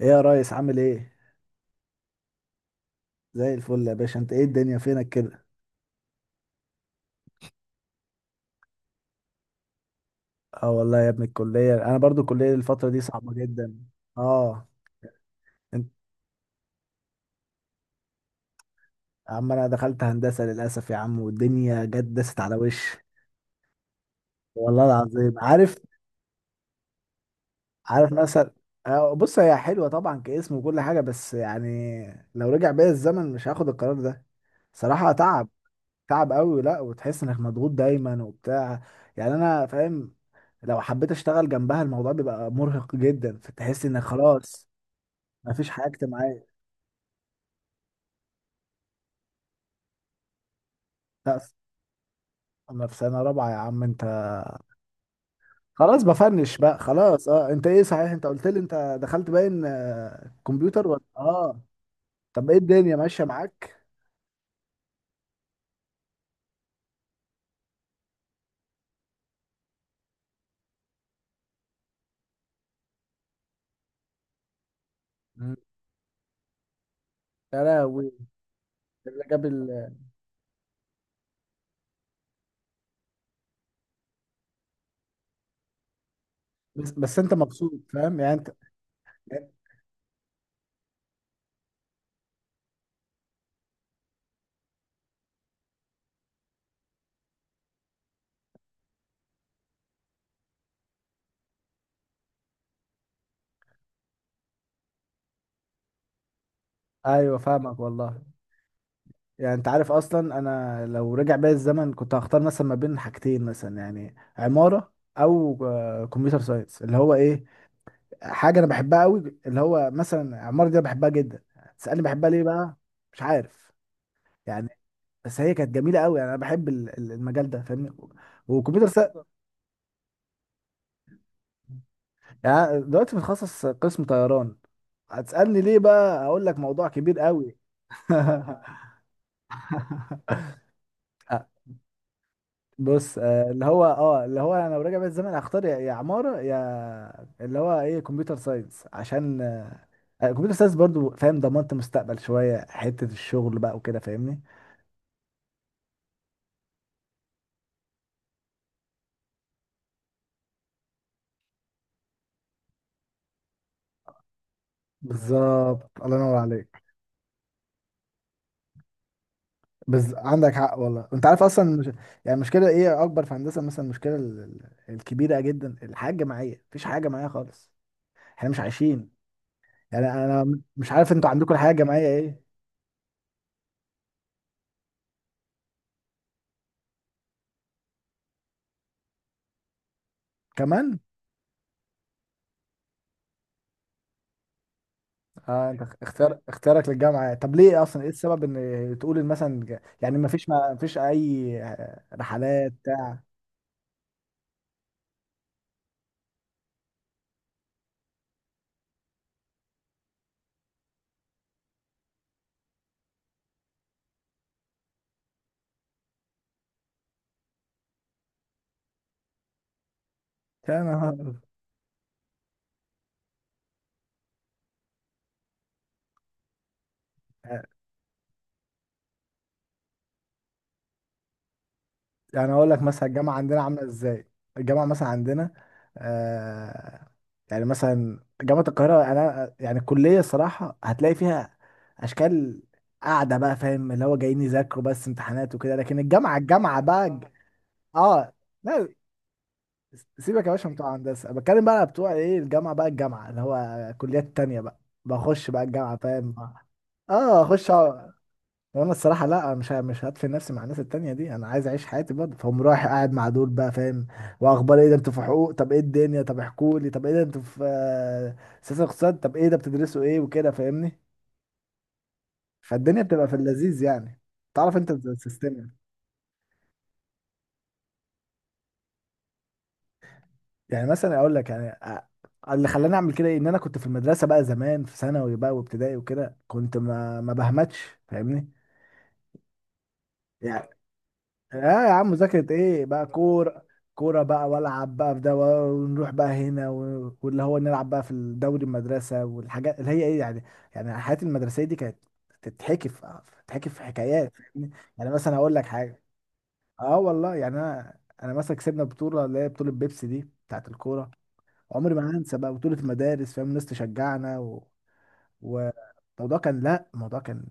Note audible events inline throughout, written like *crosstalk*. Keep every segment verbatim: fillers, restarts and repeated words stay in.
ايه يا ريس؟ عامل ايه؟ زي الفل يا باشا. انت ايه الدنيا فينك كده؟ اه والله يا ابني الكليه، انا برضو الكليه الفتره دي صعبه جدا. اه. انت، يا عم انا دخلت هندسه للاسف يا عم، والدنيا جت دست على وشي. والله العظيم عارف، عارف مثلا، آه، بص هي حلوه طبعا كاسم وكل حاجه، بس يعني لو رجع بيا الزمن مش هاخد القرار ده. صراحه تعب، تعب قوي، لا وتحس انك مضغوط دايما وبتاع. يعني انا فاهم، لو حبيت اشتغل جنبها الموضوع بيبقى مرهق جدا، فتحس انك خلاص مفيش حاجة اجتماعية. لا، انا في سنة رابعة يا عم انت. خلاص بفنش بقى خلاص. اه، انت ايه صحيح؟ انت قلت لي انت دخلت باين آه، كمبيوتر ولا اه؟ طب ايه الدنيا ماشية معاك؟ مم. يا لهوي. اللي جاب ال... بس, بس انت مبسوط فاهم يعني انت؟ ايوه فاهمك والله. يعني انت عارف اصلا انا لو رجع بيا الزمن كنت هختار مثلا ما بين حاجتين، مثلا يعني عمارة او آه، كمبيوتر ساينس، اللي هو ايه، حاجه انا بحبها قوي، اللي هو مثلا عمارة دي انا بحبها جدا. تسالني بحبها ليه بقى؟ مش عارف يعني، بس هي كانت جميله قوي، يعني انا بحب ال- ال- المجال ده فاهمني. وكمبيوتر سا... يعني دلوقتي متخصص قسم طيران، هتسالني ليه بقى؟ اقول لك موضوع كبير قوي. *laughs* آه، بص آه، اللي هو اه اللي هو انا لو راجع بيا الزمن هختار يا يا عماره يا اللي هو ايه كمبيوتر ساينس، عشان آه، الكمبيوتر ساينس برضو فاهم ضمنت مستقبل شويه، حته الشغل بقى وكده فاهمني. بالظبط، الله ينور عليك. بس عندك حق والله. انت عارف اصلا مش... يعني المشكله ايه اكبر في هندسه؟ مثلا المشكله ال- ال- الكبيره جدا، الحياه الجماعيه، مفيش حاجه جماعيه خالص، احنا مش عايشين. يعني انا م- مش عارف انتوا عندكم الحياه الجماعيه ايه. كمان. اه، انت اخ- اختيار اختيارك للجامعه، طب ليه؟ اصلا ايه السبب ان تقول إن مثلا ج- يعني مفيش، ما فيش اي رحلات بتاع يا نهار. يعني اقول لك مثلا الجامعه عندنا عامله ازاي؟ الجامعه مثلا عندنا، آه، يعني مثلا جامعه القاهره، انا يعني الكليه الصراحه هتلاقي فيها اشكال قاعده بقى، فاهم اللي هو جايين يذاكروا بس امتحانات وكده، لكن الجامعه الجامعه بقى ج- اه، لا، سيبك يا باشا من بتوع هندسه، بتكلم بقى بتوع ايه، الجامعه بقى، الجامعه اللي هو كليات تانية بقى، بخش بقى الجامعه فاهم. اه، اخش. وانا الصراحه لا، مش ه- مش هدفن نفسي مع الناس التانية دي، انا عايز اعيش حياتي برضه فهم، رايح قاعد مع دول بقى فاهم. واخبار ايه؟ ده انتوا في حقوق؟ طب ايه الدنيا؟ طب احكوا لي، طب ايه ده انتوا في آه، سياسه اقتصاد؟ طب ايه ده بتدرسوا ايه وكده فاهمني؟ فالدنيا بتبقى في اللذيذ يعني، تعرف انت السيستم يعني. يعني مثلا اقول لك يعني آه، اللي خلاني اعمل كده إيه؟ ان انا كنت في المدرسه بقى زمان، في ثانوي بقى وابتدائي وكده، كنت ما ما بهمتش فاهمني. يعني اه، يا عم مذاكرة ايه بقى؟ كورة، كورة بقى والعب بقى في ده، ونروح بقى هنا و- واللي هو نلعب بقى في الدوري المدرسة والحاجات اللي هي ايه يعني. يعني الحياة المدرسية دي كانت تتحكي في تتحكي في حكايات فاهمني؟ يعني مثلا اقول لك حاجة. اه والله، يعني انا انا مثلا كسبنا بطولة، اللي هي بطولة بيبسي دي بتاعت الكورة، عمري ما هنسى بقى بطولة المدارس فاهم، الناس تشجعنا والموضوع كان، لا الموضوع كان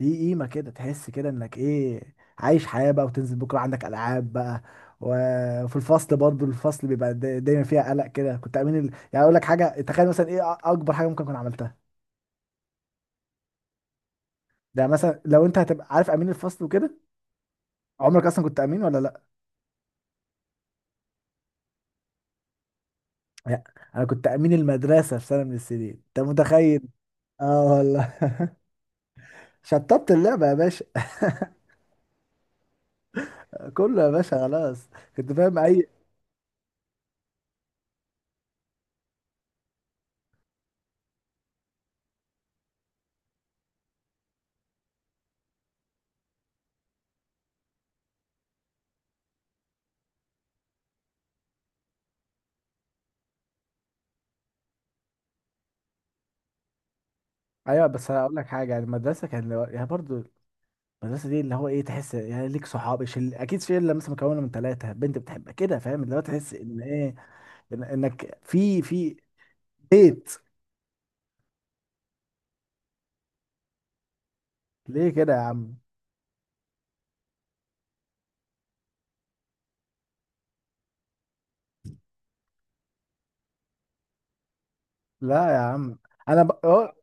ليه قيمة كده، تحس كده انك ايه عايش حياة بقى، وتنزل بكرة عندك ألعاب بقى. وفي الفصل برضو، الفصل بيبقى دا- دايما فيها قلق كده. كنت أمين ال... يعني أقول لك حاجة، تخيل مثلا ايه أ- أكبر حاجة ممكن أكون عملتها. ده مثلا لو أنت هتبقى عارف أمين الفصل وكده، عمرك أصلا كنت أمين ولا لأ؟ لا، أنا كنت أمين المدرسة في سنة من السنين، أنت متخيل؟ اه والله، شطبت اللعبة يا باشا. *laughs* كله يا باشا خلاص. كنت فاهم أي. ايوه، بس هقول لك حاجه، يعني المدرسه كان يعني برضو، المدرسة دي اللي هو ايه، تحس يعني ليك صحاب شل... اكيد شله مثلا مكونة من ثلاثة، بنت بتحبك كده فاهم، اللي هو تحس ان ايه، إن... انك في في ديت. ليه كده يا عم؟ لا يا عم، انا ب... اه،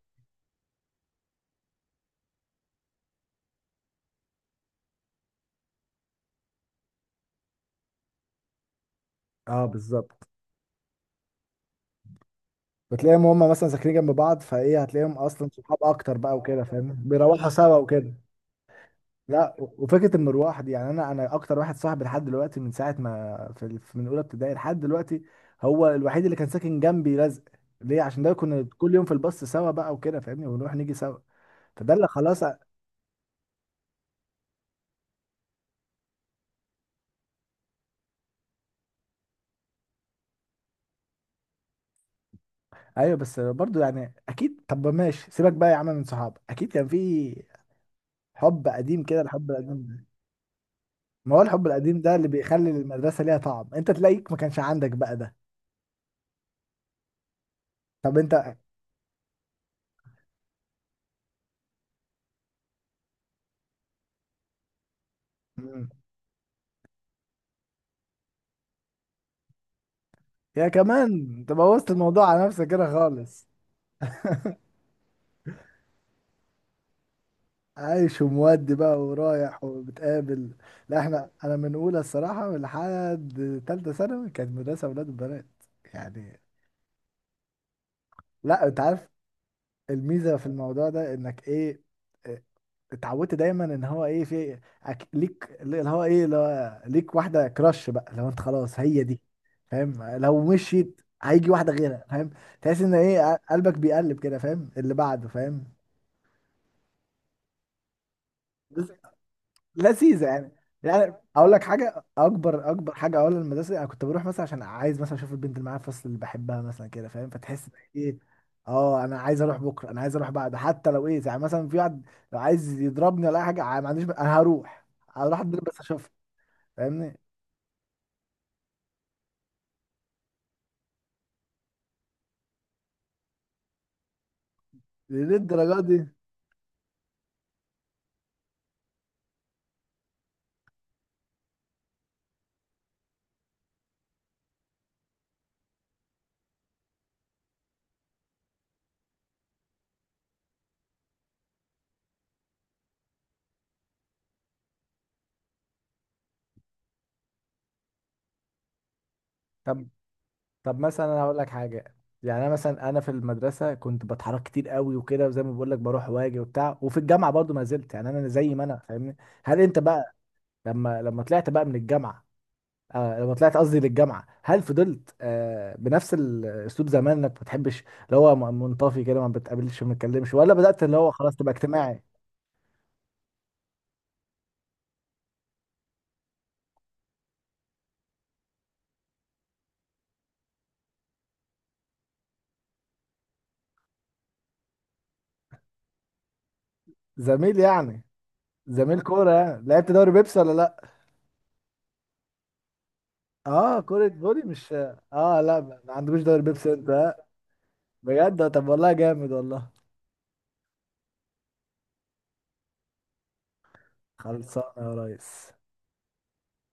آه، بالظبط. بتلاقيهم هم مثلا ساكنين جنب بعض، فايه هتلاقيهم اصلا صحاب اكتر بقى وكده فاهم، بيروحوا سوا وكده. لا، و- وفكره المروحه دي، يعني انا انا اكتر واحد صاحبي لحد دلوقتي من ساعه ما في ال- من اولى ابتدائي لحد دلوقتي، هو الوحيد اللي كان ساكن جنبي لزق. ليه؟ عشان ده كنا كل يوم في الباص سوا بقى وكده فاهمني، ونروح نيجي سوا، فده اللي خلاص أ- ايوه. بس برضو يعني اكيد، طب ماشي سيبك بقى يا عم من صحاب، اكيد كان في حب قديم كده، الحب القديم ده، ما هو الحب القديم ده اللي بيخلي المدرسه ليها طعم، انت تلاقيك ما كانش عندك بقى ده؟ طب انت؟ مم. يا كمان انت بوظت الموضوع على نفسك كده خالص. *laughs* عايش ومودي بقى ورايح وبتقابل. لا احنا، انا من اولى الصراحه لحد تالته ثانوي كانت مدرسه اولاد وبنات يعني. لا انت عارف، الميزه في الموضوع ده انك ايه، اه، اتعودت دايما ان هو ايه في أك- ليك اللي هو ايه، اللي هو ليك واحده كراش بقى، لو انت خلاص هي دي فاهم، لو مشيت هيجي واحده غيرها فاهم، تحس ان ايه قلبك بيقلب كده فاهم اللي بعده فاهم، لذيذه يعني. يعني اقول لك حاجه، اكبر اكبر حاجه اقول للمدرسه، انا كنت بروح مثلا عشان عايز مثلا اشوف البنت اللي معايا في الفصل اللي بحبها مثلا كده فاهم، فتحس إنك ايه، اه انا عايز اروح بكره، انا عايز اروح بعد، حتى لو ايه يعني مثلا في واحد لو عايز يضربني ولا اي حاجه، ع- ما عنديش ب- انا هروح، هروح اتضرب بس اشوفها فاهمني. ليه الدرجه دي؟ طب، طب مثلا انا هقول لك حاجه، يعني انا مثلا انا في المدرسه كنت بتحرك كتير قوي وكده، وزي ما بقول لك بروح واجي وبتاع، وفي الجامعه برضو ما زلت يعني انا زي ما انا فاهمني. هل انت بقى، لما لما طلعت بقى من الجامعه، آه لما طلعت قصدي للجامعه، هل فضلت آه بنفس الاسلوب زمان، انك ما بتحبش اللي هو م- منطفي كده، ما بتقابلش، ما بتكلمش، ولا بدات اللي هو خلاص تبقى اجتماعي؟ زميل يعني، زميل كوره يعني، لعبت دوري بيبسي ولا لا؟ اه، كوره فولي، مش اه، لا ما عندوش دوري بيبسي انت آه؟ بجد؟ طب والله جامد والله. خلصانه يا ريس.